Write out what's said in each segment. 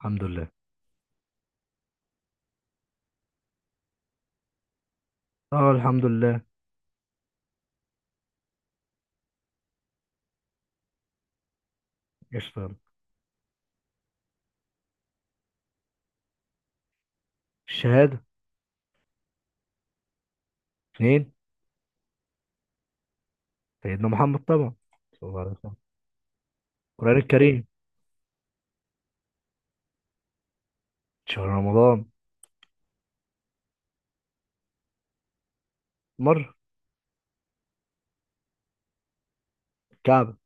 الحمد لله. اه الحمد لله. قشطة. الشهادة. اثنين. سيدنا محمد طبعا. صلى الله عليه وسلم. القرآن الكريم. شهر رمضان. مرة. الكعبة.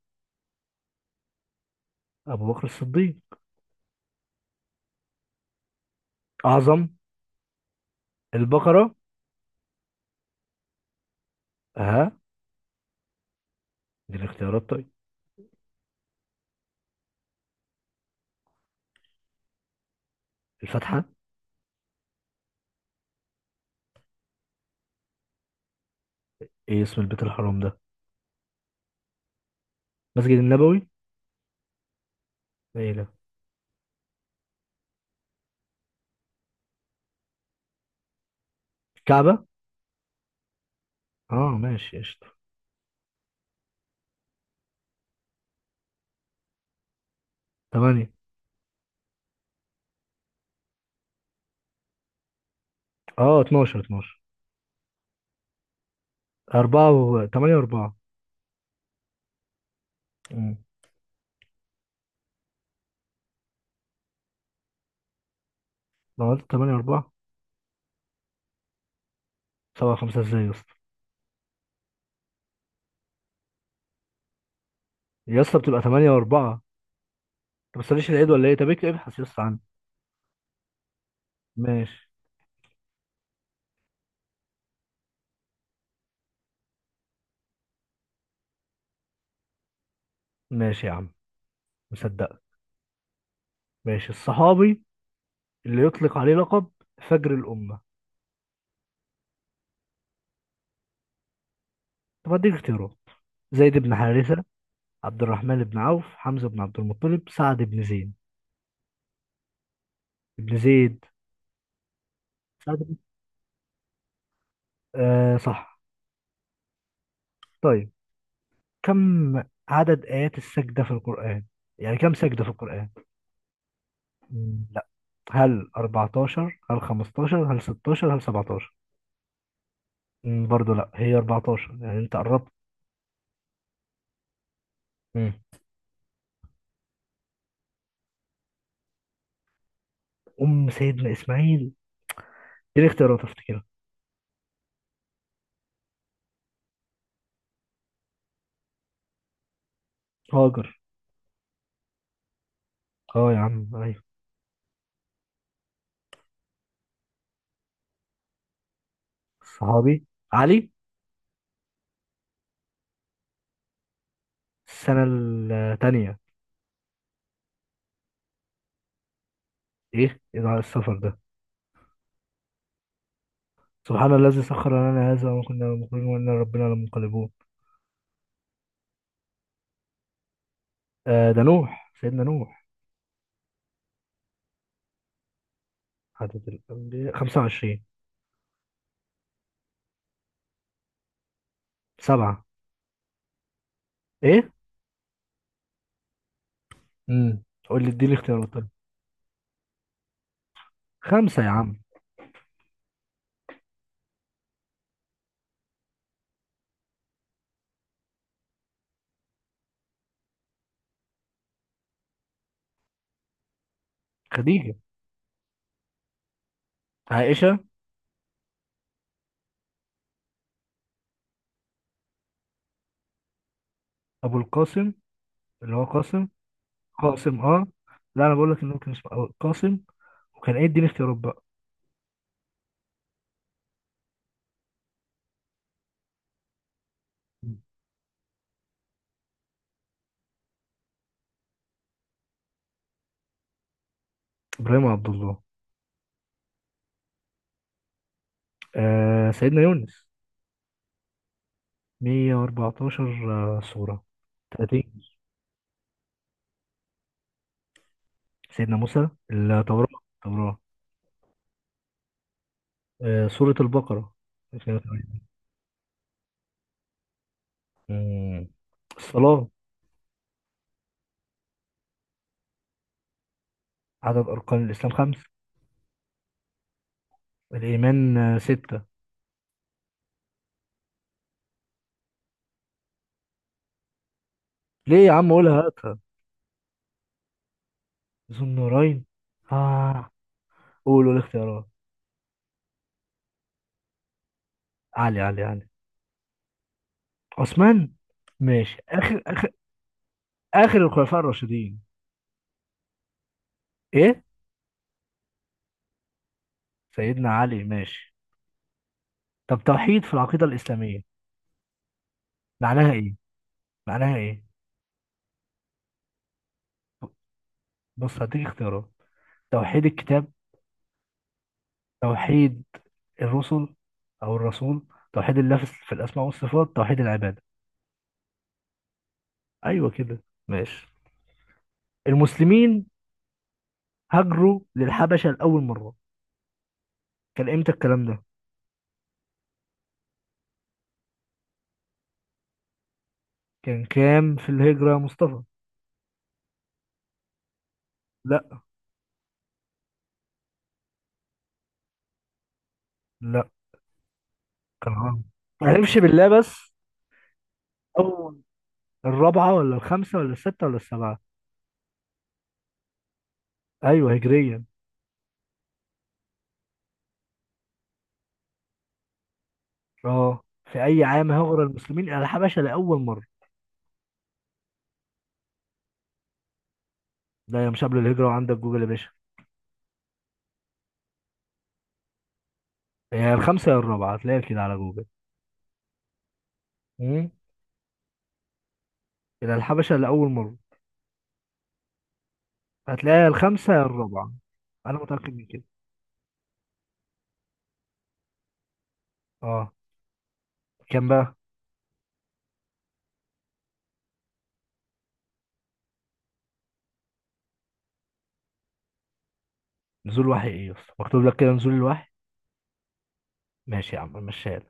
أبو بكر الصديق. أعظم. البقرة. ها، دي الاختيارات طيب. الفاتحة. ايه اسم البيت الحرام ده؟ مسجد النبوي. ايه ده؟ الكعبة. اه. ماشي قشطة. تمانية. اه، اتناشر اتناشر. أربعة و تمانية وأربعة. أمم. ما قلت تمانية وأربعة. سبعة خمسة ازاي يا اسطى؟ يا اسطى بتبقى تمانية وأربعة أنت. ما بتصليش العيد ولا ايه؟ طب اكتب ابحث يا اسطى عنه. ماشي. ماشي يا عم، مصدقك. ماشي الصحابي اللي يطلق عليه لقب فجر الأمة. طب اديك اختيارات؟ زيد بن حارثة، عبد الرحمن بن عوف، حمزة بن عبد المطلب، سعد بن زيد. ابن زيد. سعد بن، آه صح. طيب كم عدد آيات السجدة في القرآن؟ يعني كم سجدة في القرآن؟ مم، لا. هل 14 هل 15 هل 16 هل 17؟ مم، برضه لا. هي 14، يعني انت قربت. مم. أم سيدنا إسماعيل، دي اختيارات افتكرها. هاجر. اه يا عم أيوة. صحابي. علي. السنة التانية. إيه إذاعة السفر ده؟ سبحان الذي سخر لنا هذا وما كنا له مقرنين وإنا ربنا لمنقلبون. آه، ده نوح، سيدنا نوح. عدد الأنبياء 25. سبعة. إيه؟ امم قول لي إديني اختيارات طيب. خمسة يا عم. خديجة. عائشة. أبو القاسم. اللي هو قاسم، قاسم، أه. لا، أنا بقول لك إنه كان اسمه أبو القاسم، وكان إيه، إديني اختيارات بقى. إبراهيم عبد الله. آه سيدنا يونس. 114. آه، سورة. سيدنا موسى، التوراة. التوراة. آه، سورة البقرة. 208. مم. الصلاة. عدد أركان الإسلام خمس. الإيمان آه، ستة. ليه يا عم قولها هاتها؟ ذو النورين. آه. قولوا الاختيارات. علي، علي، علي. عثمان. ماشي. آخر آخر الخلفاء الراشدين. إيه؟ سيدنا علي، ماشي. طب توحيد في العقيدة الإسلامية معناها إيه؟ معناها إيه؟ بص هديك اختيارات. توحيد الكتاب، توحيد الرسل او الرسول، توحيد الله في الاسماء والصفات، توحيد العباده. ايوه كده. ماشي. المسلمين هاجروا للحبشه لاول مره، كان امتى الكلام ده؟ كان كام في الهجره يا مصطفى؟ لا. لا كان غلط، معرفش بالله بس. اول، الرابعه ولا الخامسه ولا السته ولا السبعه؟ ايوه هجريا. اه، في اي عام هاجر المسلمين الى الحبشه لاول مره؟ ده يا مش قبل الهجره، وعندك جوجل يا باشا. يا الخامسه يا الرابعه، هتلاقيها كده على جوجل. مم. إلى الحبشة لأول مرة. هتلاقيها الخامسة يا الرابعة، أنا متأكد من كده. أه. كام بقى؟ نزول وحي إيه يا اسطى؟ مكتوب لك كده نزول الوحي. ماشي يا عم مشيها لك.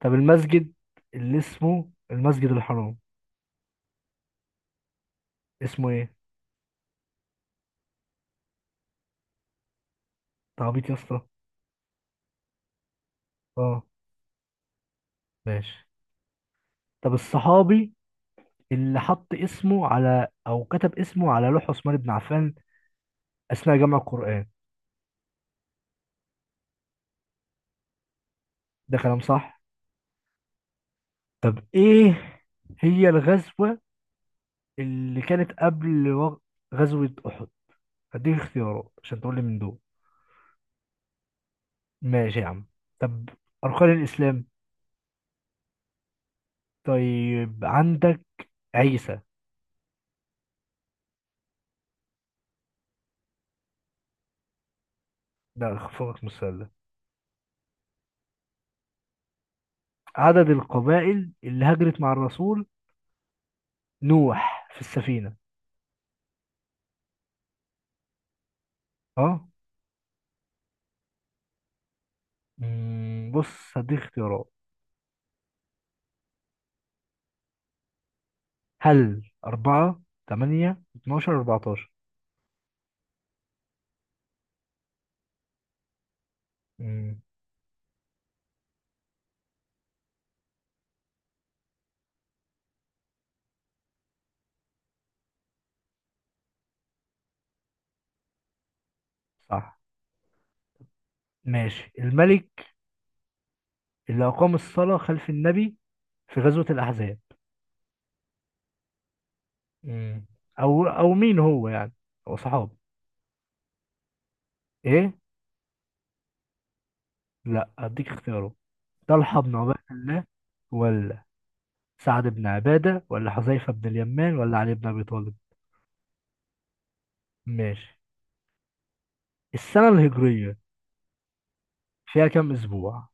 طب المسجد اللي اسمه المسجد الحرام، اسمه إيه؟ تعبيط يا اسطى. أه. ماشي. طب الصحابي اللي حط اسمه على، أو كتب اسمه على لوح عثمان بن عفان أثناء جمع القرآن. ده كلام صح. طب إيه هي الغزوة اللي كانت قبل غزوة أحد؟ هديك اختيارات عشان تقول لي من دول. ماشي يا عم. طب أركان الإسلام. طيب عندك عيسى. ده خفوقك من السؤال ده. عدد القبائل اللي هاجرت مع الرسول نوح في السفينة. اه. مم، بص هديك اختيارات. هل أربعة، تمانية، اتناشر، أربعتاشر؟ مم. صح. ماشي الملك اللي أقام الصلاة خلف النبي في غزوة الأحزاب. مم. أو مين هو يعني؟ هو صحابي. إيه؟ لا، أديك اختيارات. طلحة بن عبيد الله، ولا سعد بن عبادة، ولا حذيفة بن اليمان، ولا علي بن أبي طالب. ماشي. السنة الهجرية فيها كام أسبوع؟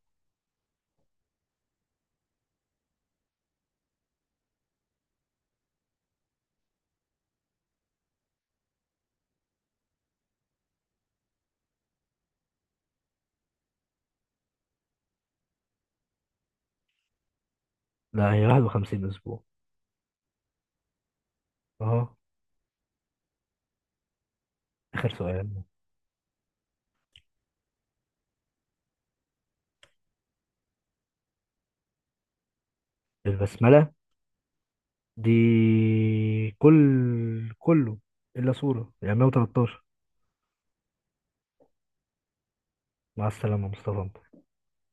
لا هي 51 أسبوع. أهو. آخر سؤال. البسملة دي كل كله إلا سورة، يعني 113. مع السلامة مصطفى.